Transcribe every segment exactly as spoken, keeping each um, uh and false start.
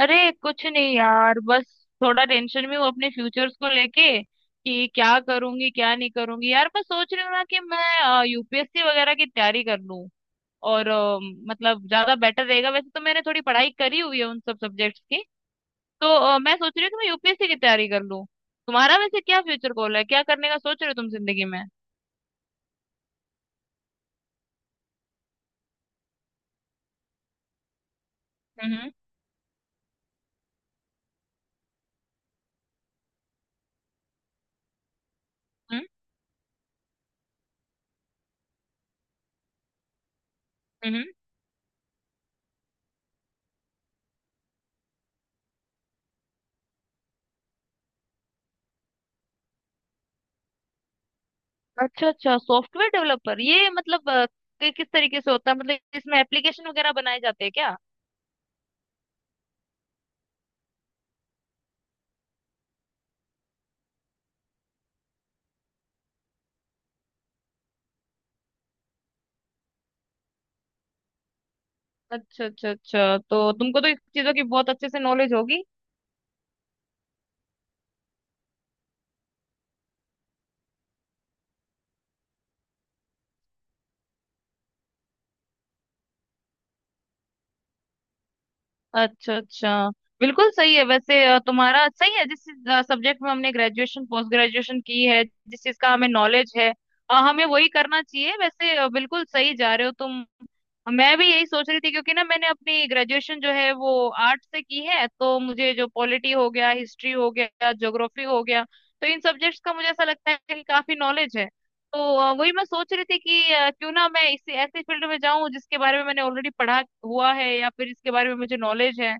अरे कुछ नहीं यार, बस थोड़ा टेंशन में हूँ अपने फ्यूचर्स को लेके कि क्या करूंगी क्या नहीं करूंगी। यार, मैं सोच रही हूँ ना कि मैं यू पी एस सी वगैरह की तैयारी कर लूँ। और अ, मतलब ज्यादा बेटर रहेगा, वैसे तो मैंने थोड़ी पढ़ाई करी हुई है उन सब सब्जेक्ट्स की। तो अ, मैं सोच रही हूँ कि मैं यूपीएससी की तैयारी कर लूँ। तुम्हारा वैसे क्या फ्यूचर गोल है? क्या करने का सोच रहे हो तुम जिंदगी में? हम्म। हम्म। हम्म। अच्छा अच्छा, सॉफ्टवेयर डेवलपर, ये मतलब अ, कि- किस तरीके से होता है? मतलब इसमें एप्लीकेशन वगैरह बनाए जाते हैं क्या? अच्छा अच्छा अच्छा, तो तुमको तो इस चीजों की बहुत अच्छे से नॉलेज होगी। अच्छा अच्छा, बिल्कुल सही है। वैसे अ, तुम्हारा सही है, जिस सब्जेक्ट में हमने ग्रेजुएशन पोस्ट ग्रेजुएशन की है, जिस चीज का हमें नॉलेज है, अ, हमें वही करना चाहिए। वैसे अ, बिल्कुल सही जा रहे हो तुम। मैं भी यही सोच रही थी, क्योंकि ना मैंने अपनी ग्रेजुएशन जो है वो आर्ट से की है, तो मुझे जो पॉलिटी हो गया, हिस्ट्री हो गया, ज्योग्राफी हो गया, तो इन सब्जेक्ट्स का मुझे ऐसा लगता है कि काफी नॉलेज है। तो अ, वही मैं सोच रही थी कि अ, क्यों ना मैं इसी ऐसे फील्ड में जाऊं जिसके बारे में मैंने ऑलरेडी पढ़ा हुआ है या फिर इसके बारे में मुझे नॉलेज है।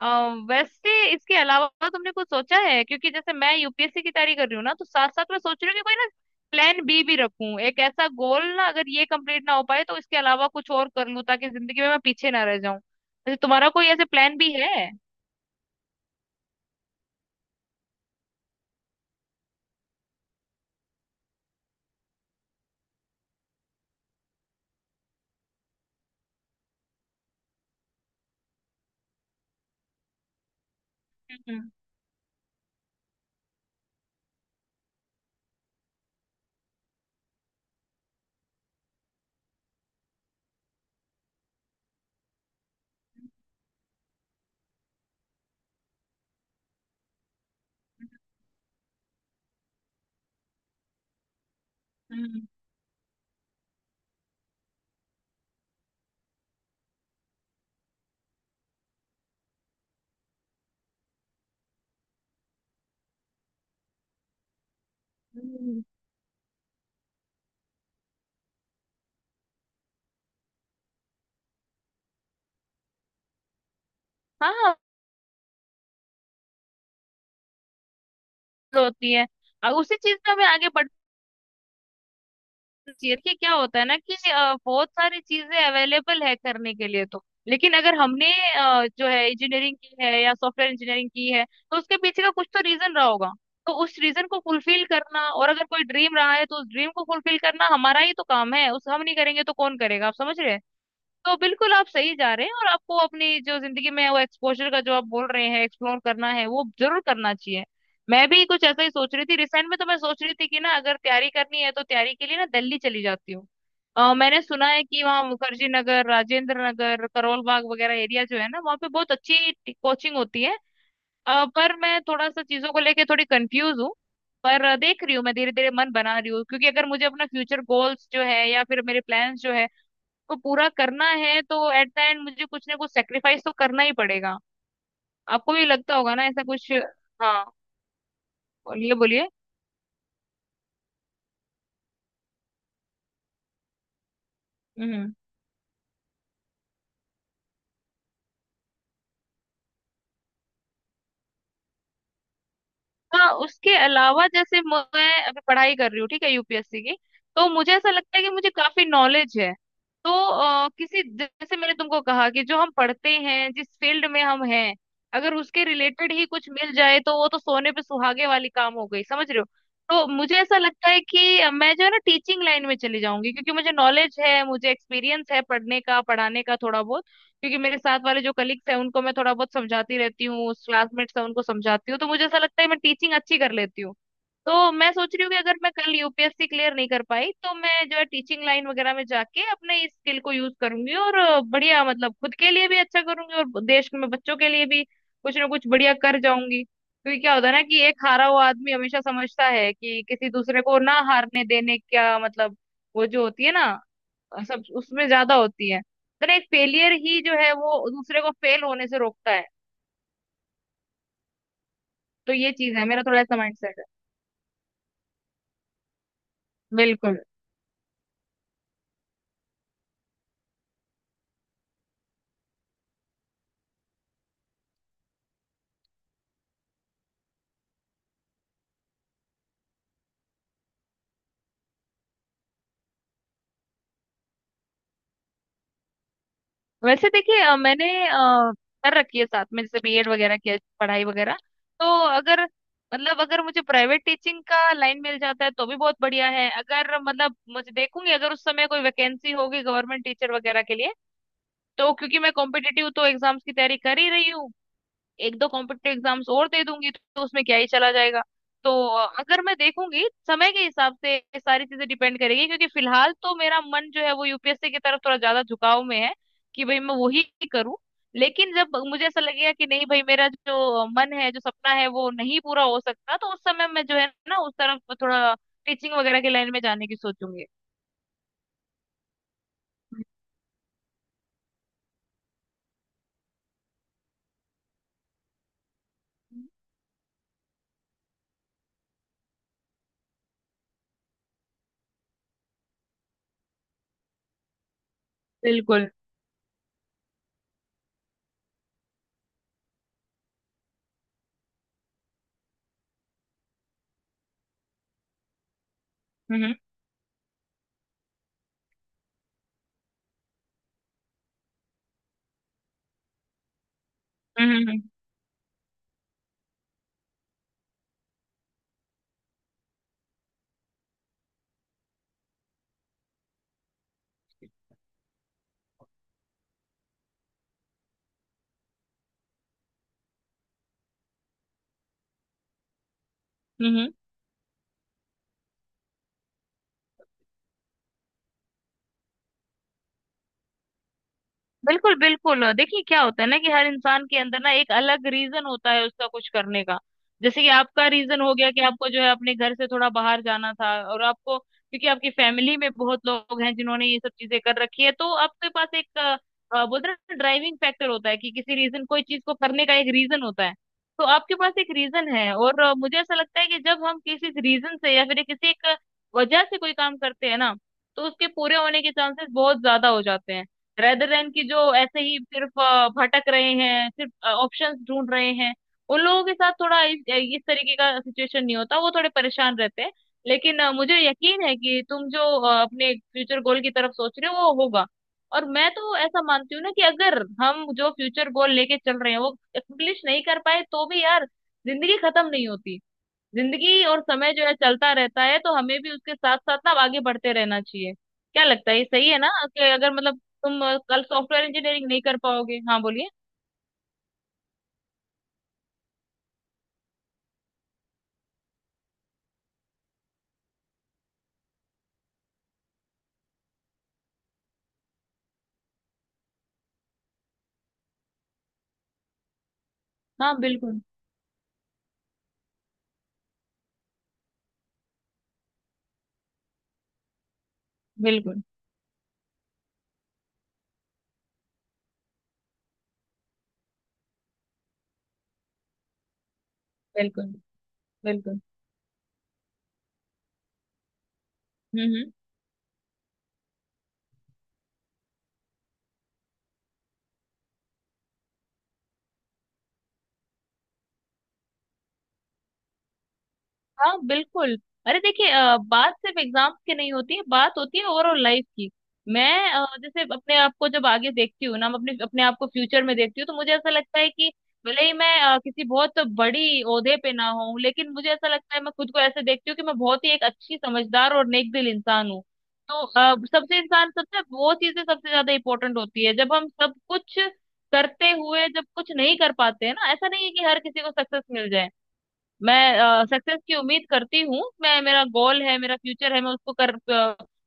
अ, वैसे इसके अलावा तुमने कुछ सोचा है? क्योंकि जैसे मैं यू पी एस सी की तैयारी कर रही हूँ ना, तो साथ साथ मैं सोच रही हूँ कि कोई ना प्लान बी भी रखूं, एक ऐसा गोल ना, अगर ये कंप्लीट ना हो पाए तो इसके अलावा कुछ और कर लूं, ताकि जिंदगी में मैं पीछे ना रह जाऊं। वैसे तुम्हारा कोई ऐसे प्लान भी है? हम्म। हम्म। हम्म। हम्म। हाँ हाँ। होती है। अ, उसी चीज में हमें आगे बढ़, देखिए क्या होता है ना कि अ, बहुत सारी चीजें अवेलेबल है करने के लिए, तो लेकिन अगर हमने अ, जो है इंजीनियरिंग की है या सॉफ्टवेयर इंजीनियरिंग की है, तो उसके पीछे का कुछ तो रीजन रहा होगा। तो उस रीजन को फुलफिल करना, और अगर कोई ड्रीम रहा है तो उस ड्रीम को फुलफिल करना हमारा ही तो काम है। उस हम नहीं करेंगे तो कौन करेगा? आप समझ रहे हैं? तो बिल्कुल आप सही जा रहे हैं, और आपको अपनी जो जिंदगी में वो एक्सपोजर का जो आप बोल रहे हैं, एक्सप्लोर करना है, वो जरूर करना चाहिए। मैं भी कुछ ऐसा ही सोच रही थी रिसेंट में, तो मैं सोच रही थी कि ना, अगर तैयारी करनी है तो तैयारी के लिए ना दिल्ली चली जाती हूँ। अ, मैंने सुना है कि वहाँ मुखर्जी नगर, राजेंद्र नगर, करोल बाग वगैरह एरिया जो है ना, वहाँ पे बहुत अच्छी कोचिंग होती है। अ, पर मैं थोड़ा सा चीजों को लेके थोड़ी कंफ्यूज हूँ। पर अ, देख रही हूँ, मैं धीरे धीरे मन बना रही हूँ, क्योंकि अगर मुझे अपना फ्यूचर गोल्स जो है या फिर मेरे प्लान्स जो है को पूरा करना है, तो एट द एंड मुझे कुछ ना कुछ सेक्रीफाइस तो करना ही पड़ेगा। आपको भी लगता होगा ना ऐसा कुछ? हाँ, बोलिए बोलिए। हम्म। हाँ, उसके अलावा जैसे मैं अभी पढ़ाई कर रही हूँ, ठीक है, यूपीएससी की, तो मुझे ऐसा लगता है कि मुझे काफी नॉलेज है। तो अ, किसी जैसे मैंने तुमको कहा कि जो हम पढ़ते हैं, जिस फील्ड में हम हैं, अगर उसके रिलेटेड ही कुछ मिल जाए, तो वो तो सोने पे सुहागे वाली काम हो गई, समझ रहे हो? तो मुझे ऐसा लगता है कि मैं जो है ना टीचिंग लाइन में चली जाऊंगी, क्योंकि मुझे नॉलेज है, मुझे एक्सपीरियंस है पढ़ने का, पढ़ाने का थोड़ा बहुत, क्योंकि मेरे साथ वाले जो कलीग्स हैं उनको मैं थोड़ा बहुत समझाती रहती हूँ, क्लासमेट्स हैं उनको समझाती हूँ, तो मुझे ऐसा लगता है मैं टीचिंग अच्छी कर लेती हूँ। तो मैं सोच रही हूँ कि अगर मैं कल U P S C clear नहीं कर पाई, तो मैं जो है टीचिंग लाइन वगैरह में जाके अपने इस स्किल को यूज करूंगी, और अ, बढ़िया, मतलब खुद के लिए भी अच्छा करूंगी और देश में बच्चों के लिए भी कुछ ना कुछ बढ़िया कर जाऊंगी। क्योंकि क्या होता है ना कि एक हारा हुआ आदमी हमेशा समझता है कि किसी दूसरे को ना हारने देने का मतलब, वो जो होती है ना, सब उसमें ज्यादा होती है। तो ना, एक फेलियर ही जो है वो दूसरे को फेल होने से रोकता है। तो ये चीज है, मेरा थोड़ा ऐसा माइंड सेट है। बिल्कुल। वैसे देखिए, अ, मैंने अ, कर रखी है साथ में, जैसे बी एड वगैरह किया, पढ़ाई वगैरह। तो अगर मतलब अगर मुझे प्राइवेट टीचिंग का लाइन मिल जाता है तो भी बहुत बढ़िया है, अगर मतलब मुझे देखूंगी अगर उस समय कोई वैकेंसी होगी गवर्नमेंट टीचर वगैरह के लिए। तो क्योंकि मैं कॉम्पिटिटिव तो एग्जाम्स की तैयारी कर ही रही हूँ, एक दो कॉम्पिटेटिव एग्जाम्स और दे दूंगी तो उसमें क्या ही चला जाएगा। तो अ, अगर मैं देखूंगी समय के हिसाब से ये सारी चीजें डिपेंड करेगी, क्योंकि फिलहाल तो मेरा मन जो है वो यू पी एस सी की तरफ थोड़ा ज्यादा झुकाव में है कि भाई मैं वही करूँ। लेकिन जब मुझे ऐसा लगेगा कि नहीं भाई, मेरा जो मन है, जो सपना है, वो नहीं पूरा हो सकता, तो उस समय मैं जो है ना उस तरफ थोड़ा टीचिंग वगैरह के लाइन में जाने की सोचूंगी। बिल्कुल। हम्म। बिल्कुल। हम्म। हम्म। हम्म। हम्म। बिल्कुल बिल्कुल, देखिए क्या होता है ना कि हर इंसान के अंदर ना एक अलग रीजन होता है उसका कुछ करने का। जैसे कि आपका रीजन हो गया कि आपको जो है अपने घर से थोड़ा बाहर जाना था, और आपको क्योंकि आपकी फैमिली में बहुत लोग हैं जिन्होंने ये सब चीजें कर रखी है, तो आपके पास एक अ, अ, बोलते हैं ना ड्राइविंग फैक्टर होता है कि किसी रीजन कोई चीज को करने का एक रीजन होता है। तो आपके पास एक रीजन है। और अ, मुझे ऐसा लगता है कि जब हम किसी रीजन से या फिर किसी एक वजह से कोई काम करते हैं ना, तो उसके पूरे होने के चांसेस बहुत ज्यादा हो जाते हैं, रेदर देन कि जो ऐसे ही सिर्फ अ, भटक रहे हैं, सिर्फ ऑप्शंस ढूंढ रहे हैं, उन लोगों के साथ थोड़ा इस, इस तरीके का सिचुएशन नहीं होता, वो थोड़े परेशान रहते हैं। लेकिन अ, मुझे यकीन है कि तुम जो अ, अपने फ्यूचर गोल की तरफ सोच रहे हो, वो होगा। और मैं तो ऐसा मानती हूँ ना कि अगर हम जो फ्यूचर गोल लेके चल रहे हैं वो एक्सप्लिश नहीं कर पाए, तो भी यार जिंदगी खत्म नहीं होती है। जिंदगी और समय जो है चलता रहता है, तो हमें भी उसके साथ साथ ना आगे बढ़ते रहना चाहिए। क्या लगता है, ये सही है ना कि अगर मतलब तुम अ, कल सॉफ्टवेयर इंजीनियरिंग नहीं कर पाओगे? हाँ बोलिए। हाँ बिल्कुल। बिल्कुल। बिल्कुल। बिल्कुल। हम्म। हम्म। हाँ बिल्कुल। अरे देखिए, अ, बात सिर्फ एग्जाम्स की नहीं होती है, बात होती है ओवरऑल लाइफ की। मैं अ, जैसे अपने आप को जब आगे देखती हूँ ना, मैं अपने अपने आप को फ्यूचर में देखती हूँ, तो मुझे ऐसा लगता है कि भले ही मैं अ, किसी बहुत बड़ी ओहदे पे ना हूँ, लेकिन मुझे ऐसा लगता है, मैं खुद को ऐसे देखती हूँ कि मैं बहुत ही एक अच्छी, समझदार और नेक दिल इंसान हूँ। तो अ, सबसे इंसान, सबसे वो चीजें सबसे ज्यादा इंपॉर्टेंट होती है, जब हम सब कुछ करते हुए जब कुछ नहीं कर पाते हैं ना। ऐसा नहीं है कि हर किसी को सक्सेस मिल जाए। मैं सक्सेस की उम्मीद करती हूँ, मैं, मेरा गोल है, मेरा फ्यूचर है, मैं उसको कर,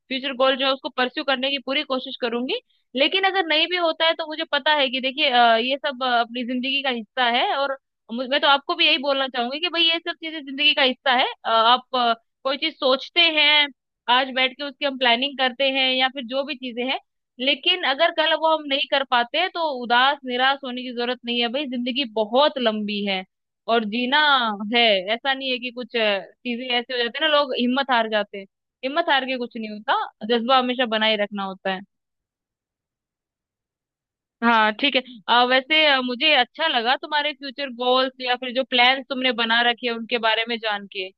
फ्यूचर गोल जो है उसको परस्यू करने की पूरी कोशिश करूंगी। लेकिन अगर नहीं भी होता है तो मुझे पता है कि देखिए, अ, ये सब अ, अपनी जिंदगी का हिस्सा है। और मु- मैं तो आपको भी यही बोलना चाहूंगी कि भाई ये सब चीजें जिंदगी का हिस्सा है। अ, आप अ, कोई चीज सोचते हैं, आज बैठ के उसकी हम प्लानिंग करते हैं या फिर जो भी चीजें हैं, लेकिन अगर कल वो हम नहीं कर पाते हैं, तो उदास निराश होने की जरूरत नहीं है। भाई जिंदगी बहुत लंबी है, और जीना है। ऐसा नहीं है कि कुछ अ, चीजें ऐसे हो जाते हैं ना, लोग हिम्मत हार जाते हैं। हिम्मत हार के कुछ नहीं होता, जज्बा हमेशा बनाए रखना होता है। हाँ ठीक है। अ, वैसे अ, मुझे अच्छा लगा तुम्हारे फ्यूचर गोल्स या फिर जो प्लान्स तुमने बना रखे हैं उनके बारे में जान के।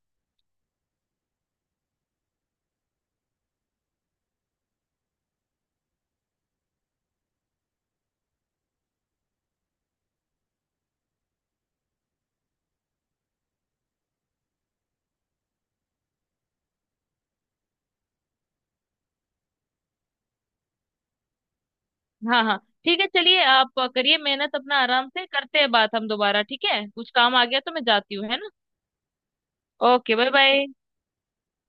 हाँ हाँ, ठीक है, चलिए आप करिए मेहनत अपना, आराम से करते हैं बात हम दोबारा, ठीक है? कुछ काम आ गया तो मैं जाती हूँ, है ना? Okay bye bye.